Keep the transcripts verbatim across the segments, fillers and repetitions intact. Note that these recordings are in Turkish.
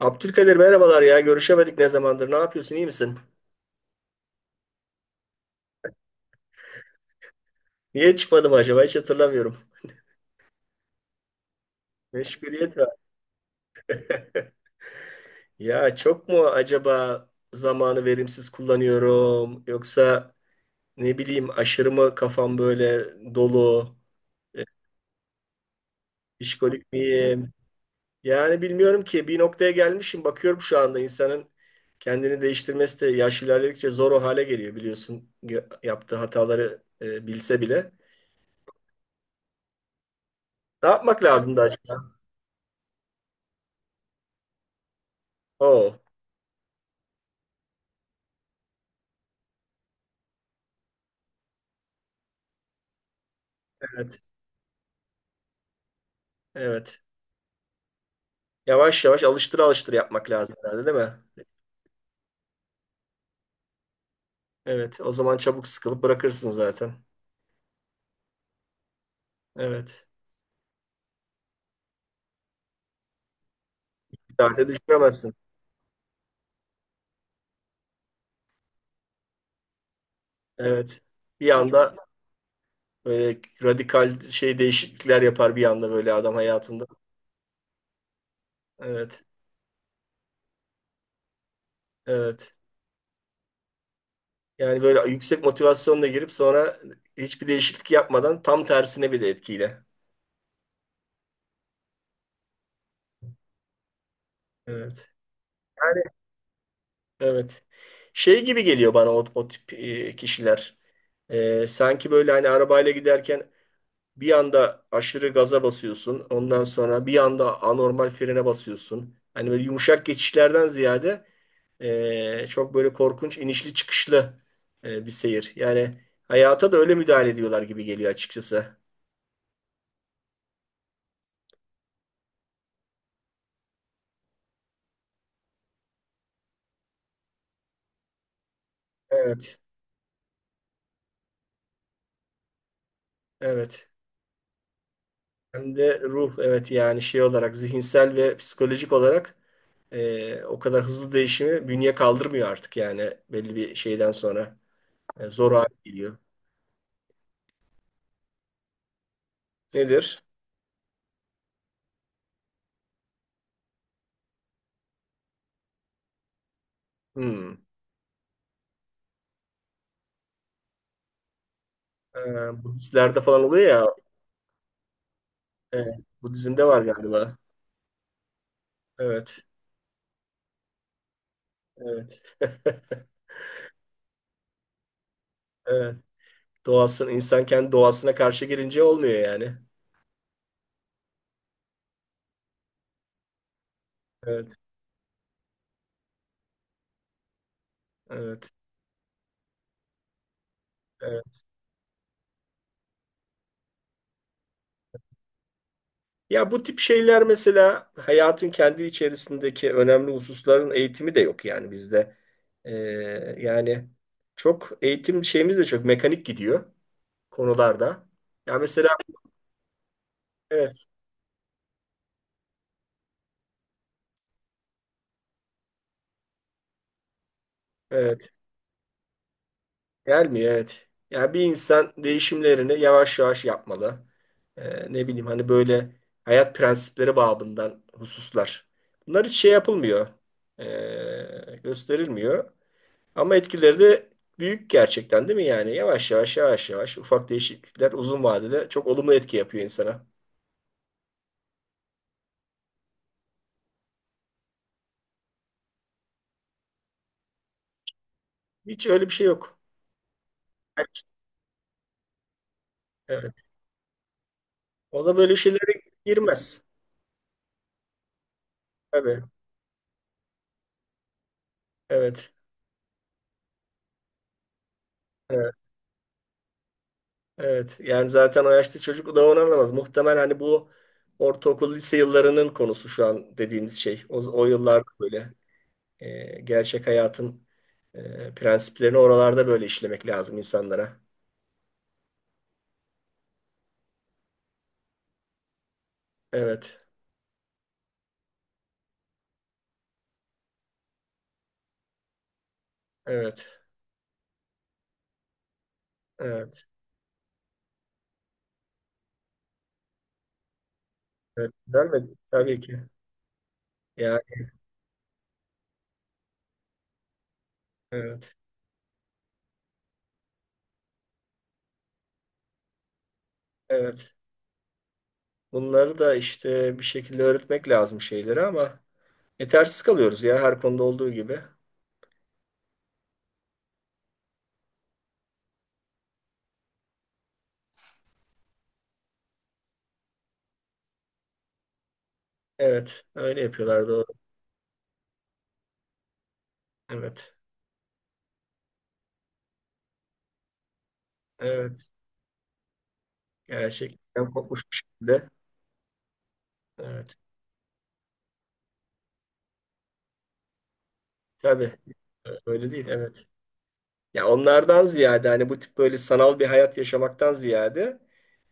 Abdülkadir merhabalar ya. Görüşemedik ne zamandır. Ne yapıyorsun? İyi misin? Niye çıkmadım acaba? Hiç hatırlamıyorum. Meşguliyet var. Ya çok mu acaba zamanı verimsiz kullanıyorum? Yoksa ne bileyim aşırı mı kafam böyle dolu? E, işkolik miyim? Yani bilmiyorum ki. Bir noktaya gelmişim. Bakıyorum şu anda insanın kendini değiştirmesi de yaş ilerledikçe zor o hale geliyor biliyorsun. Gö- Yaptığı hataları e, bilse bile. Ne yapmak lazım da acaba? Oo, evet. Evet. Yavaş yavaş alıştır alıştır yapmak lazım herhalde, değil mi? Evet. O zaman çabuk sıkılıp bırakırsın zaten. Evet. Zaten düşüremezsin. Evet. Bir anda böyle radikal şey değişiklikler yapar bir anda böyle adam hayatında. Evet. Evet. Yani böyle yüksek motivasyonla girip sonra hiçbir değişiklik yapmadan tam tersine bir de etkiyle. Evet. Yani evet. Şey gibi geliyor bana o, o tip e, kişiler. E, sanki böyle hani arabayla giderken bir anda aşırı gaza basıyorsun. Ondan sonra bir anda anormal frene basıyorsun. Hani böyle yumuşak geçişlerden ziyade e, çok böyle korkunç inişli çıkışlı e, bir seyir. Yani hayata da öyle müdahale ediyorlar gibi geliyor açıkçası. Evet, evet. Hem de ruh, evet, yani şey olarak zihinsel ve psikolojik olarak e, o kadar hızlı değişimi bünye kaldırmıyor artık yani belli bir şeyden sonra. E, zor hale geliyor. Nedir? Hmm. E, Budistlerde falan oluyor ya. Evet, bu dizinde var galiba. Evet. Evet. Evet. Doğasını, insan kendi doğasına karşı girince olmuyor yani. Evet. Evet. Evet. Ya bu tip şeyler mesela hayatın kendi içerisindeki önemli hususların eğitimi de yok yani bizde. Ee, yani çok eğitim şeyimiz de çok mekanik gidiyor konularda. Ya mesela evet. Evet. Gelmiyor, evet. Ya bir insan değişimlerini yavaş yavaş yapmalı. Ee, ne bileyim hani böyle hayat prensipleri babından hususlar. Bunlar hiç şey yapılmıyor. Ee, gösterilmiyor. Ama etkileri de büyük gerçekten, değil mi yani? Yavaş yavaş yavaş yavaş ufak değişiklikler uzun vadede çok olumlu etki yapıyor insana. Hiç öyle bir şey yok. Evet. Ona böyle şeylere girmez. Tabii. Evet. Evet. Evet yani zaten o yaşta çocuk da onu anlamaz. Muhtemel hani bu ortaokul lise yıllarının konusu şu an dediğimiz şey. O, o yıllarda böyle e, gerçek hayatın e, prensiplerini oralarda böyle işlemek lazım insanlara. Evet, evet, evet, evet. Güzel mi? Tabii ki. Yani evet, evet. Bunları da işte bir şekilde öğretmek lazım şeyleri ama yetersiz kalıyoruz ya, her konuda olduğu gibi. Evet, öyle yapıyorlar, doğru. Evet, evet. Gerçekten kopmuş bir şekilde. Evet. Tabii. Ee, öyle değil. Evet. Ya onlardan ziyade hani bu tip böyle sanal bir hayat yaşamaktan ziyade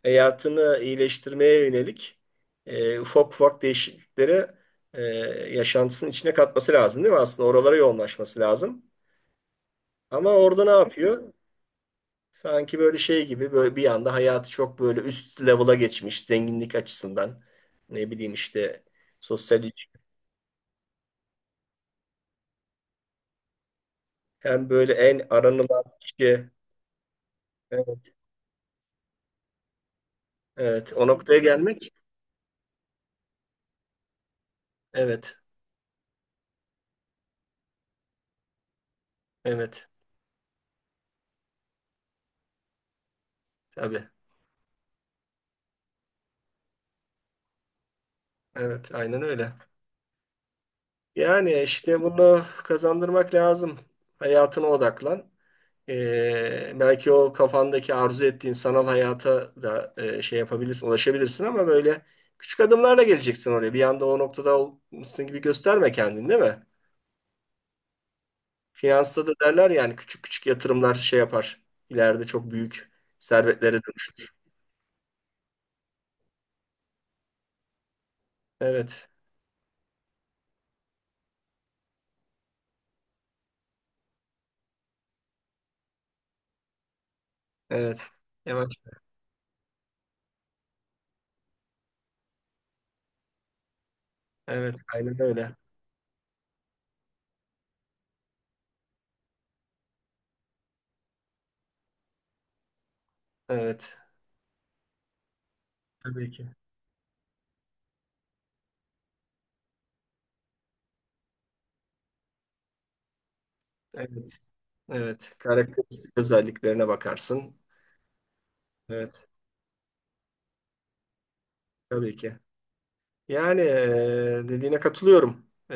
hayatını iyileştirmeye yönelik e, ufak ufak değişikliklere e, yaşantısının içine katması lazım, değil mi? Aslında oralara yoğunlaşması lazım. Ama orada ne yapıyor? Sanki böyle şey gibi böyle bir anda hayatı çok böyle üst level'a geçmiş zenginlik açısından. Ne bileyim işte sosyal ilişki- hem böyle en aranılan kişi. Evet, evet. O noktaya gelmek. Evet, evet. Tabii. Evet, aynen öyle. Yani işte bunu kazandırmak lazım. Hayatına odaklan. Ee, belki o kafandaki arzu ettiğin sanal hayata da e, şey yapabilirsin, ulaşabilirsin ama böyle küçük adımlarla geleceksin oraya. Bir anda o noktada olmuşsun gibi gösterme kendini, değil mi? Finansta da derler yani küçük küçük yatırımlar şey yapar. İleride çok büyük servetlere dönüşür. Evet, evet. Yavaş. Evet, aynen öyle. Evet. Tabii ki. Evet. Evet. Karakteristik özelliklerine bakarsın. Evet. Tabii ki. Yani e, dediğine katılıyorum. E,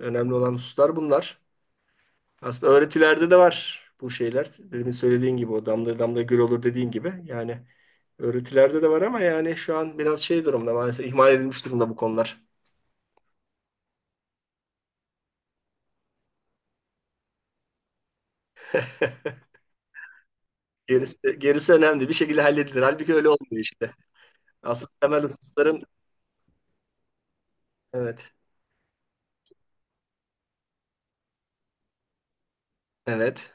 önemli olan hususlar bunlar. Aslında öğretilerde de var bu şeyler. Demin söylediğin gibi o damla damla göl olur dediğin gibi. Yani öğretilerde de var ama yani şu an biraz şey durumda, maalesef ihmal edilmiş durumda bu konular. Gerisi, gerisi önemli. Bir şekilde halledilir. Halbuki öyle olmuyor işte. Asıl temel hususların evet. Evet.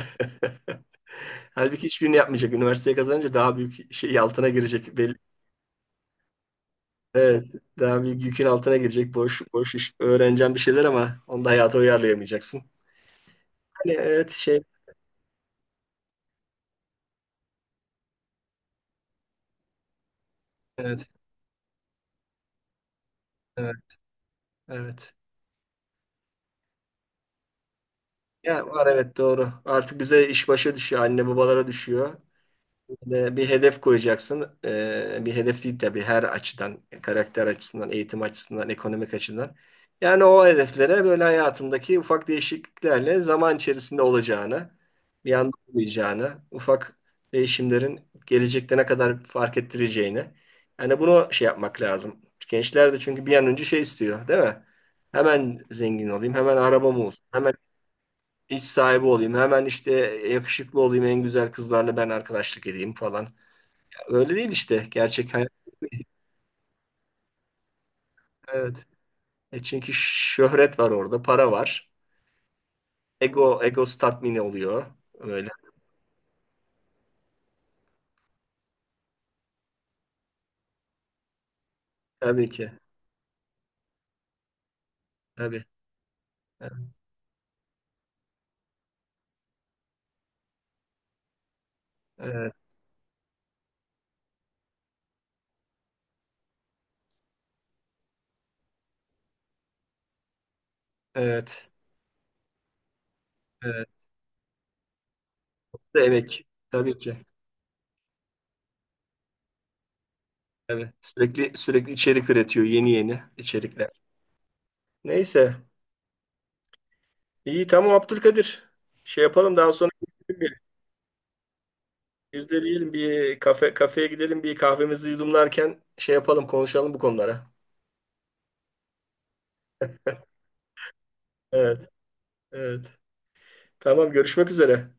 Halbuki hiçbirini yapmayacak. Üniversiteyi kazanınca daha büyük şey altına girecek. Belli. Evet, daha büyük yükün altına girecek. Boş boş iş. Öğreneceğim bir şeyler ama onu da hayata uyarlayamayacaksın. Hani evet şey evet evet evet. Ya var, evet, doğru. Artık bize iş başa düşüyor. Anne babalara düşüyor. Ve bir hedef koyacaksın. Ee, bir hedef değil tabii, her açıdan, karakter açısından, eğitim açısından, ekonomik açıdan. Yani o hedeflere böyle hayatındaki ufak değişikliklerle zaman içerisinde olacağını, bir anda olmayacağını, ufak değişimlerin gelecekte ne kadar fark ettireceğini. Yani bunu şey yapmak lazım. Gençler de çünkü bir an önce şey istiyor, değil mi? Hemen zengin olayım, hemen arabam olsun, hemen iş sahibi olayım, hemen işte yakışıklı olayım, en güzel kızlarla ben arkadaşlık edeyim falan. Öyle değil işte gerçek hayat. Evet. E çünkü şöhret var orada, para var. Ego, ego tatmini oluyor. Öyle. Tabii ki. Tabii. Evet. Evet. Evet. Ve emek. Tabii ki. Tabii. Sürekli sürekli içerik üretiyor, yeni yeni içerikler. Neyse. İyi, tamam Abdülkadir. Şey yapalım daha sonra yüzdeleyelim bir kafe kafeye gidelim bir kahvemizi yudumlarken şey yapalım, konuşalım bu konulara. Evet. Evet. Tamam, görüşmek üzere.